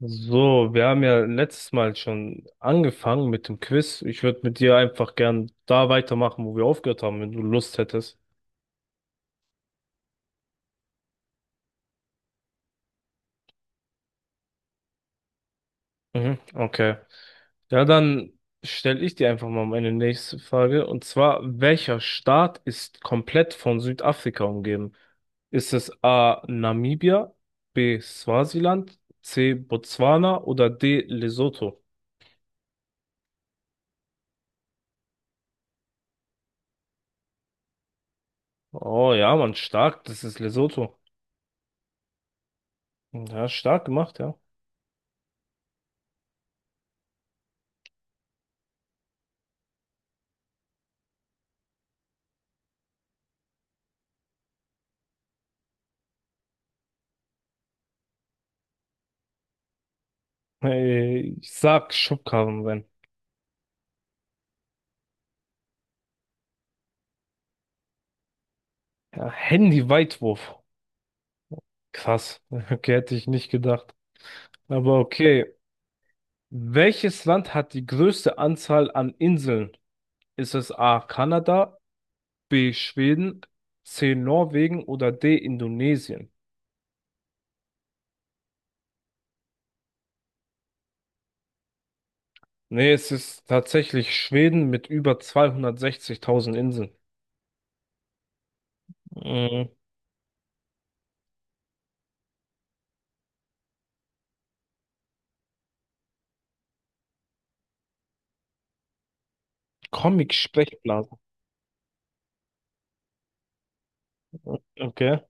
So, wir haben ja letztes Mal schon angefangen mit dem Quiz. Ich würde mit dir einfach gern da weitermachen, wo wir aufgehört haben, wenn du Lust hättest. Mhm, okay. Ja, dann stelle ich dir einfach mal meine nächste Frage. Und zwar, welcher Staat ist komplett von Südafrika umgeben? Ist es A. Namibia, B. Swasiland, C. Botswana oder D. Lesotho? Oh ja, Mann, stark, das ist Lesotho. Ja, stark gemacht, ja. Ich sag Schubkarrenrennen. Ja, Handy-Weitwurf. Krass. Okay, hätte ich nicht gedacht. Aber okay. Welches Land hat die größte Anzahl an Inseln? Ist es A. Kanada, B. Schweden, C. Norwegen oder D. Indonesien? Nee, es ist tatsächlich Schweden mit über 260.000 Inseln. Mhm. Comic-Sprechblasen. Okay.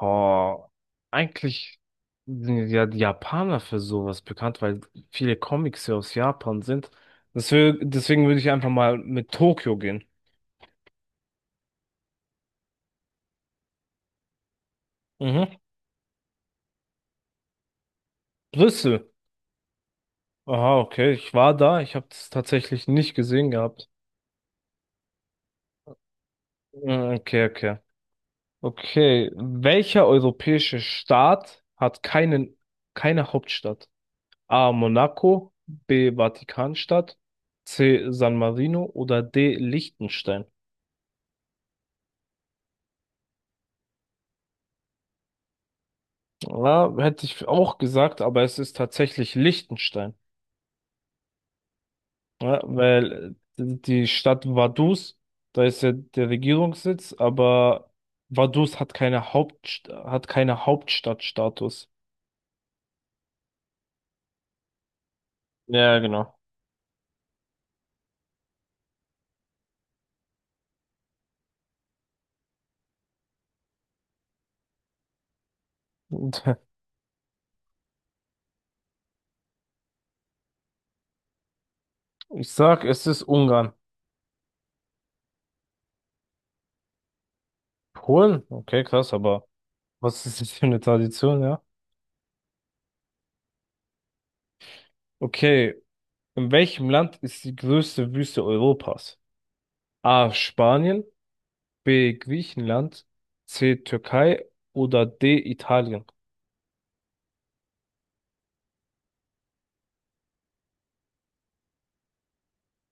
Oh, eigentlich sind ja die Japaner für sowas bekannt, weil viele Comics ja aus Japan sind. Deswegen würde ich einfach mal mit Tokio gehen. Mhm. Brüssel. Aha, okay. Ich war da. Ich habe das tatsächlich nicht gesehen gehabt. Mm, okay, okay. Okay. Welcher europäische Staat hat keine Hauptstadt? A. Monaco, B. Vatikanstadt, C. San Marino oder D. Liechtenstein? Ja, hätte ich auch gesagt, aber es ist tatsächlich Liechtenstein, ja, weil die Stadt Vaduz, da ist ja der Regierungssitz, aber Vaduz hat keine Haupt, hat keine Hauptstadtstatus. Ja, genau. Und Ich sag, es ist Ungarn. Polen? Okay, krass, aber was ist das für eine Tradition, ja? Okay, in welchem Land ist die größte Wüste Europas? A. Spanien, B. Griechenland, C. Türkei oder D. Italien.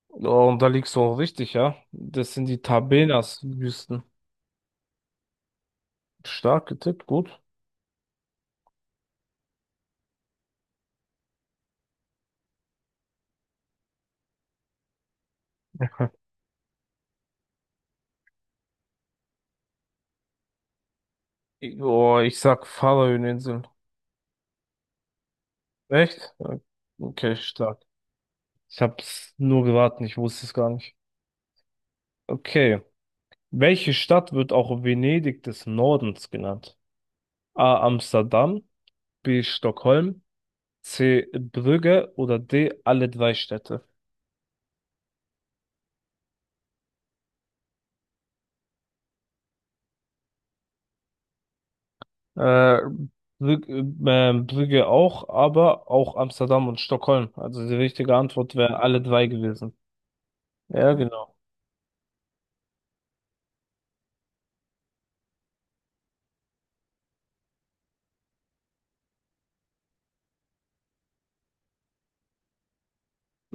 Oh, und da liegst du auch richtig, ja. Das sind die Tabenas-Wüsten. Stark getippt, gut. Oh, ich sag Färöerinseln. Echt? Ja, okay, stark. Ich hab's nur geraten, ich wusste es gar nicht. Okay. Welche Stadt wird auch Venedig des Nordens genannt? A. Amsterdam, B. Stockholm, C. Brügge oder D. Alle drei Städte. Äh, Brügge, Brügge auch, aber auch Amsterdam und Stockholm. Also die richtige Antwort wäre alle drei gewesen. Ja, genau.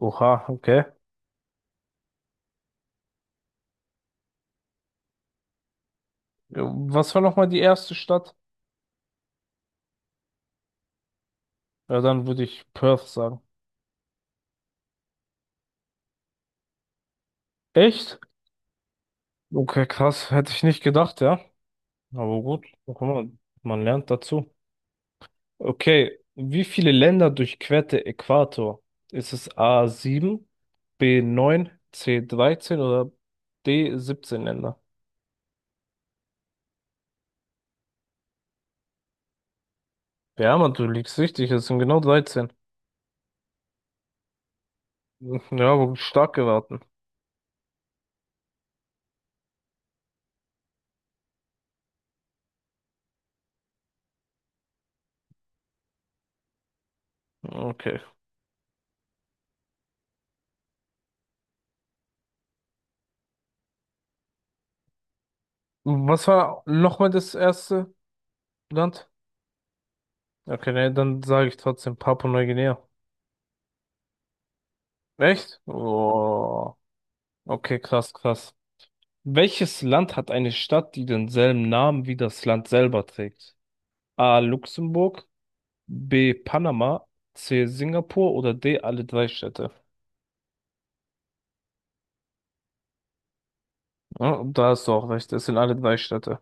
Oha, okay. Ja, was war nochmal die erste Stadt? Ja, dann würde ich Perth sagen. Echt? Okay, krass. Hätte ich nicht gedacht, ja. Aber gut, guck mal, man lernt dazu. Okay, wie viele Länder durchquert der Äquator? Ist es a sieben, b neun, c dreizehn oder d siebzehn Länder? Ja, Mann, du liegst richtig, es sind genau 13. Ja, aber stark geraten. Okay. Was war nochmal das erste Land? Okay, ne, dann sage ich trotzdem Papua-Neuguinea. Echt? Oh. Okay, krass, krass. Welches Land hat eine Stadt, die denselben Namen wie das Land selber trägt? A. Luxemburg, B. Panama, C. Singapur oder D. Alle drei Städte? Ja, da hast du auch recht, es sind alle drei Städte.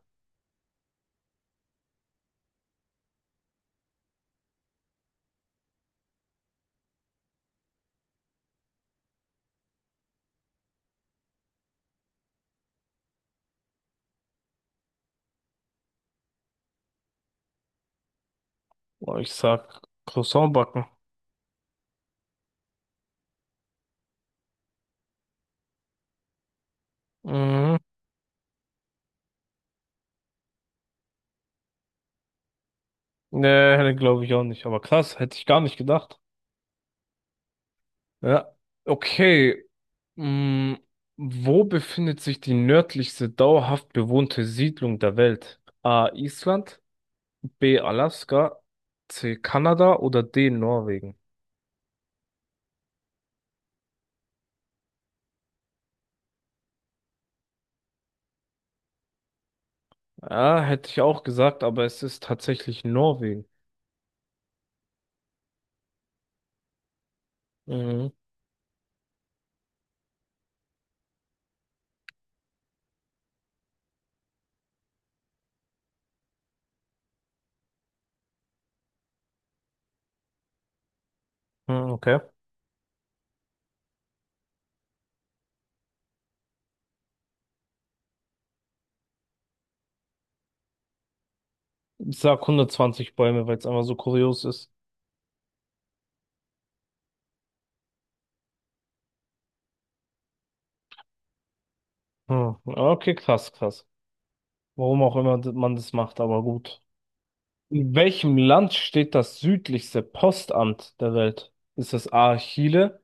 Oh, ich sag Croissant backen. Mhm. Nee, glaube ich auch nicht. Aber krass, hätte ich gar nicht gedacht. Ja. Okay. Mm, wo befindet sich die nördlichste dauerhaft bewohnte Siedlung der Welt? A. Island, B. Alaska, C. Kanada oder D. Norwegen? Ja, hätte ich auch gesagt, aber es ist tatsächlich Norwegen. Mhm. Hm, okay. Ich sag 120 Bäume, weil es einfach so kurios ist. Hm. Okay, krass, krass. Warum auch immer man das macht, aber gut. In welchem Land steht das südlichste Postamt der Welt? Ist es A. Chile,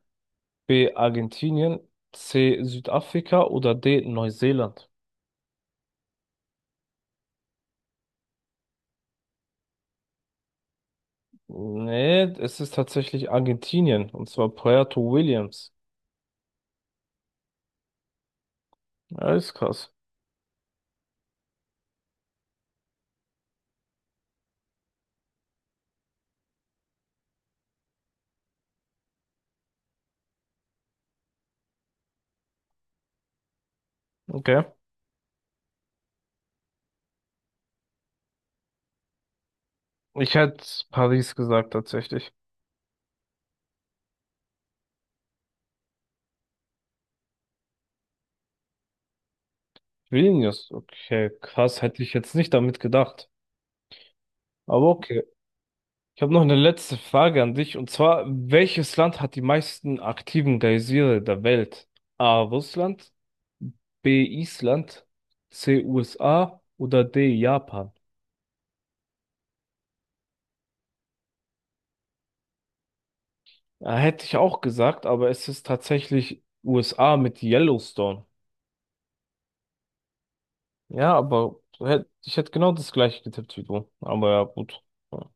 B. Argentinien, C. Südafrika oder D. Neuseeland? Nee, es ist tatsächlich Argentinien, und zwar Puerto Williams. Ja, ist krass. Okay. Ich hätte Paris gesagt, tatsächlich. Vilnius, okay, krass, hätte ich jetzt nicht damit gedacht. Aber okay. Ich habe noch eine letzte Frage an dich und zwar, welches Land hat die meisten aktiven Geysire der Welt? A. Russland, B. Island, C. USA oder D. Japan? Ja, hätte ich auch gesagt, aber es ist tatsächlich USA mit Yellowstone. Ja, aber ich hätte genau das gleiche getippt wie du. Aber ja, gut. Ja.